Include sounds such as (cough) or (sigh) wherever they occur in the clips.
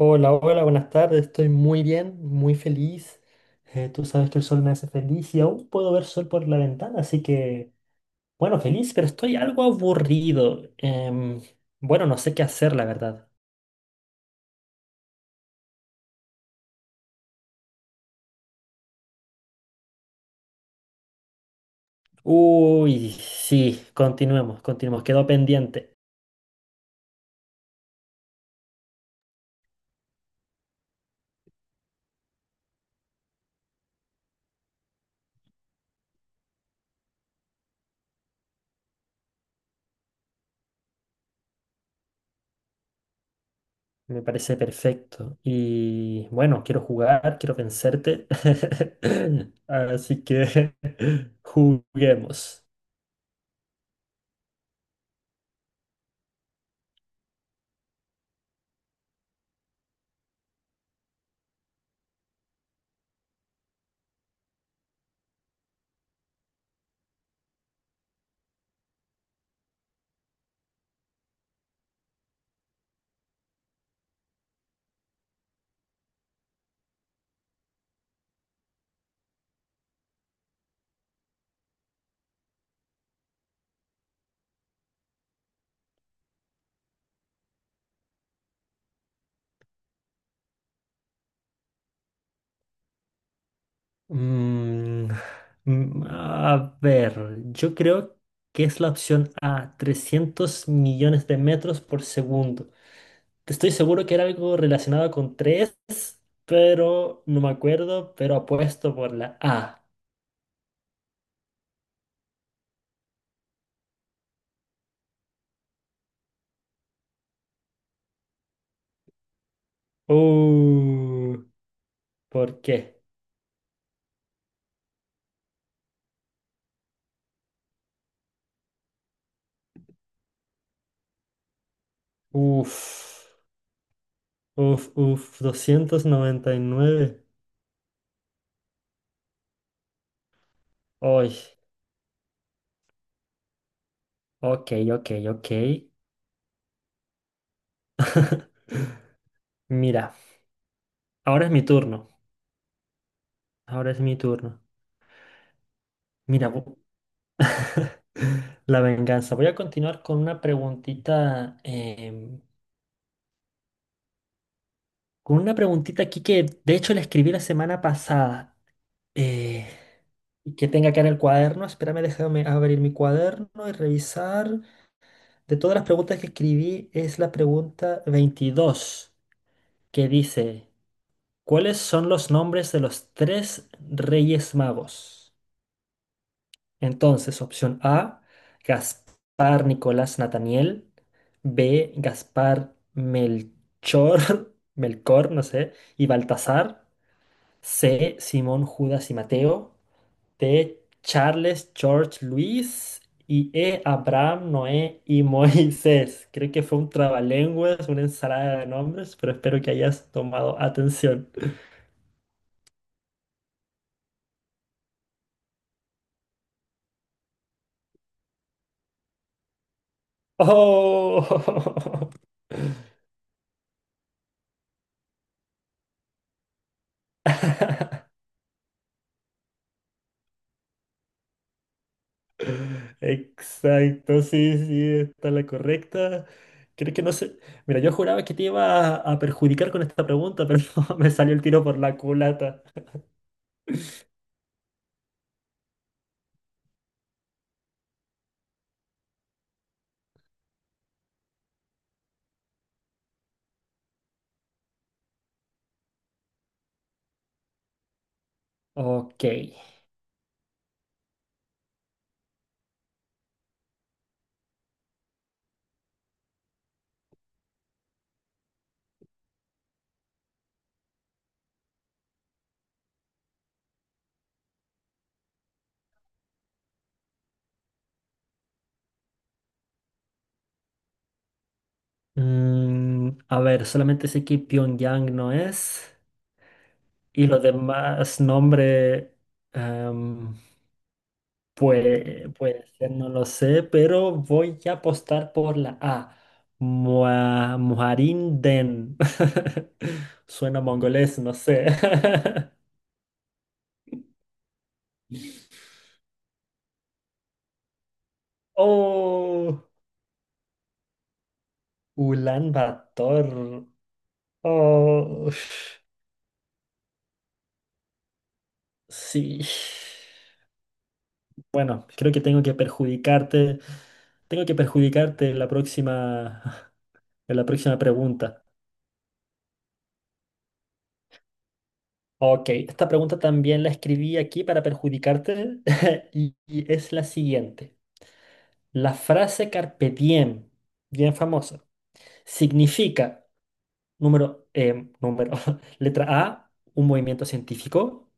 Hola, hola, buenas tardes. Estoy muy bien, muy feliz. Tú sabes que el sol me hace feliz y aún puedo ver sol por la ventana, así que, bueno, feliz, pero estoy algo aburrido. Bueno, no sé qué hacer, la verdad. Uy, sí, continuemos, continuemos. Quedó pendiente. Me parece perfecto. Y bueno, quiero jugar, quiero vencerte. (laughs) Así que (laughs) juguemos. Mm, a ver, yo creo que es la opción A, 300 millones de metros por segundo. Estoy seguro que era algo relacionado con 3, pero no me acuerdo, pero apuesto por la A. Uh, ¿por qué? Uf, uf, uf, 299. Ay, ok, ok, ok. (laughs) Mira, ahora es mi turno. Ahora es mi turno. Mira, (laughs) La venganza. Voy a continuar con con una preguntita aquí que de hecho la escribí la semana pasada eh, y que tenga acá en el cuaderno. Espérame, déjame abrir mi cuaderno y revisar. De todas las preguntas que escribí es la pregunta 22 que dice, ¿cuáles son los nombres de los tres reyes magos? Entonces, opción A, Gaspar Nicolás Nathaniel. B, Gaspar Melchor, (laughs) Melchor, no sé, y Baltasar. C, Simón Judas y Mateo. D, Charles George Luis. Y E, Abraham, Noé y (laughs) Moisés. Creo que fue un trabalenguas, una ensalada de nombres, pero espero que hayas tomado atención. ¡Oh! (laughs) Exacto, sí, sí, está la correcta. Creo que no sé. Mira, yo juraba que te iba a perjudicar con esta pregunta, pero (laughs) me salió el tiro por la culata. Ok. A ver, solamente sé que Pyongyang no es. Y los demás nombres, em, pues, puede ser, no lo sé, pero voy a apostar por la A. Mua- Muharinden. (laughs) Suena mongolés, no sé. (laughs) Oh, Ulan Bator. Oh, sí. Bueno, creo que tengo que perjudicarte. Tengo que perjudicarte en la próxima, (laughs) en la próxima pregunta. Ok, esta pregunta también la escribí aquí para perjudicarte (laughs) y es la siguiente. La frase carpe diem, bien famosa, significa número. (laughs) Letra A, un movimiento científico.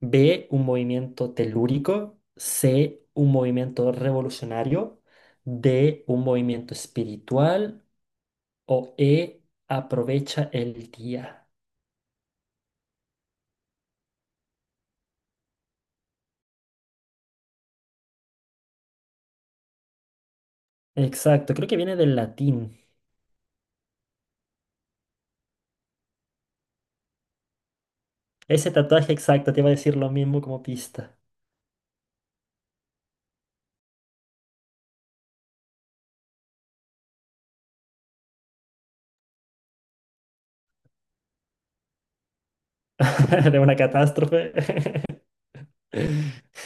B, un movimiento telúrico. C, un movimiento revolucionario. D, un movimiento espiritual. O E, aprovecha el día. Exacto, creo que viene del latín. Ese tatuaje exacto te iba a decir lo mismo como pista (laughs) de una catástrofe. (laughs)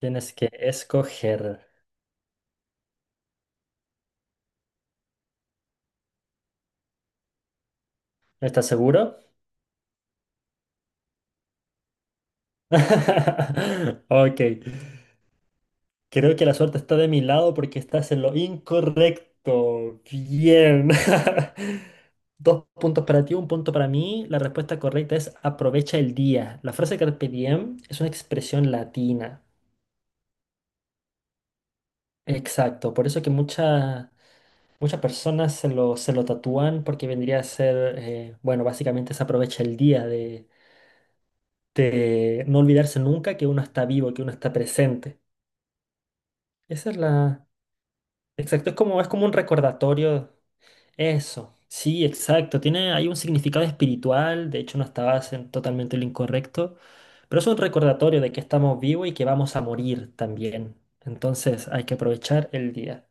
Tienes que escoger. ¿Estás seguro? (laughs) Ok. Creo que la suerte está de mi lado porque estás en lo incorrecto. Bien. (laughs) Dos puntos para ti, un punto para mí. La respuesta correcta es aprovecha el día. La frase carpe diem es una expresión latina. Exacto. Por eso que muchas personas se lo tatúan porque vendría a ser, bueno, básicamente es aprovecha el día de no olvidarse nunca que uno está vivo, que uno está presente. Esa es la... Exacto. Es como un recordatorio. Eso, sí, exacto. Tiene hay un significado espiritual, de hecho no estabas en totalmente lo incorrecto, pero es un recordatorio de que estamos vivos y que vamos a morir también. Entonces hay que aprovechar el día.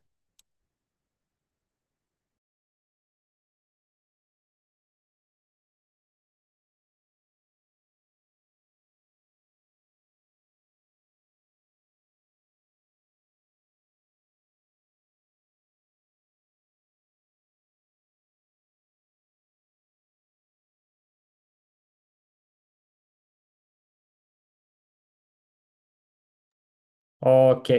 Ok.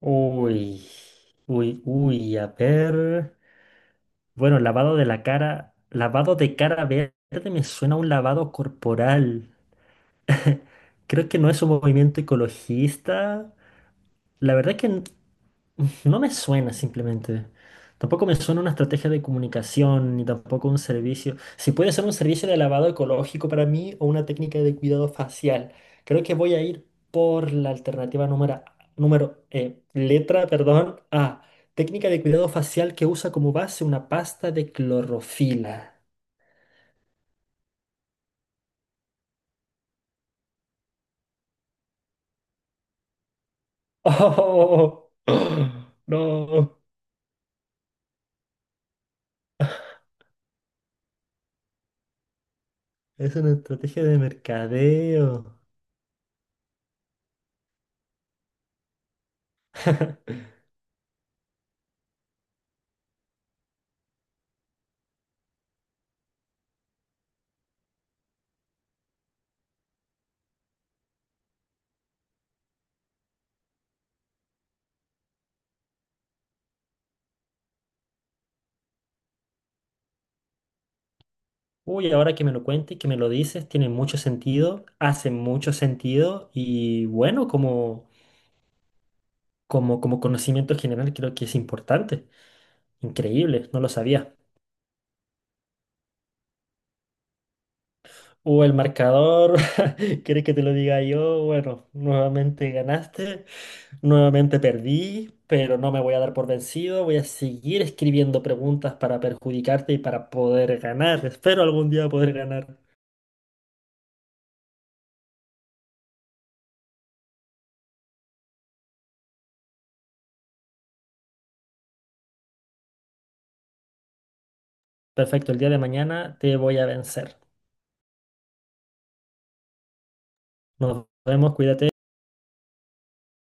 Uy, uy, uy, a ver. Bueno, lavado de la cara, lavado de cara verde me suena a un lavado corporal. Creo que no es un movimiento ecologista. La verdad es que no me suena simplemente. Tampoco me suena una estrategia de comunicación, ni tampoco un servicio. Si puede ser un servicio de lavado ecológico para mí o una técnica de cuidado facial. Creo que voy a ir por la alternativa número, número letra, perdón, A. Técnica de cuidado facial que usa como base una pasta de clorofila. (laughs) Oh, (clears throat) no, es una estrategia de mercadeo. (laughs) Uy, ahora que me lo cuentes, que me lo dices, tiene mucho sentido, hace mucho sentido y bueno, como, conocimiento general creo que es importante. Increíble, no lo sabía. O el marcador, (laughs) ¿quieres que te lo diga yo? Bueno, nuevamente ganaste, nuevamente perdí, pero no me voy a dar por vencido, voy a seguir escribiendo preguntas para perjudicarte y para poder ganar. Espero algún día poder ganar. Perfecto, el día de mañana te voy a vencer. Nos vemos, cuídate.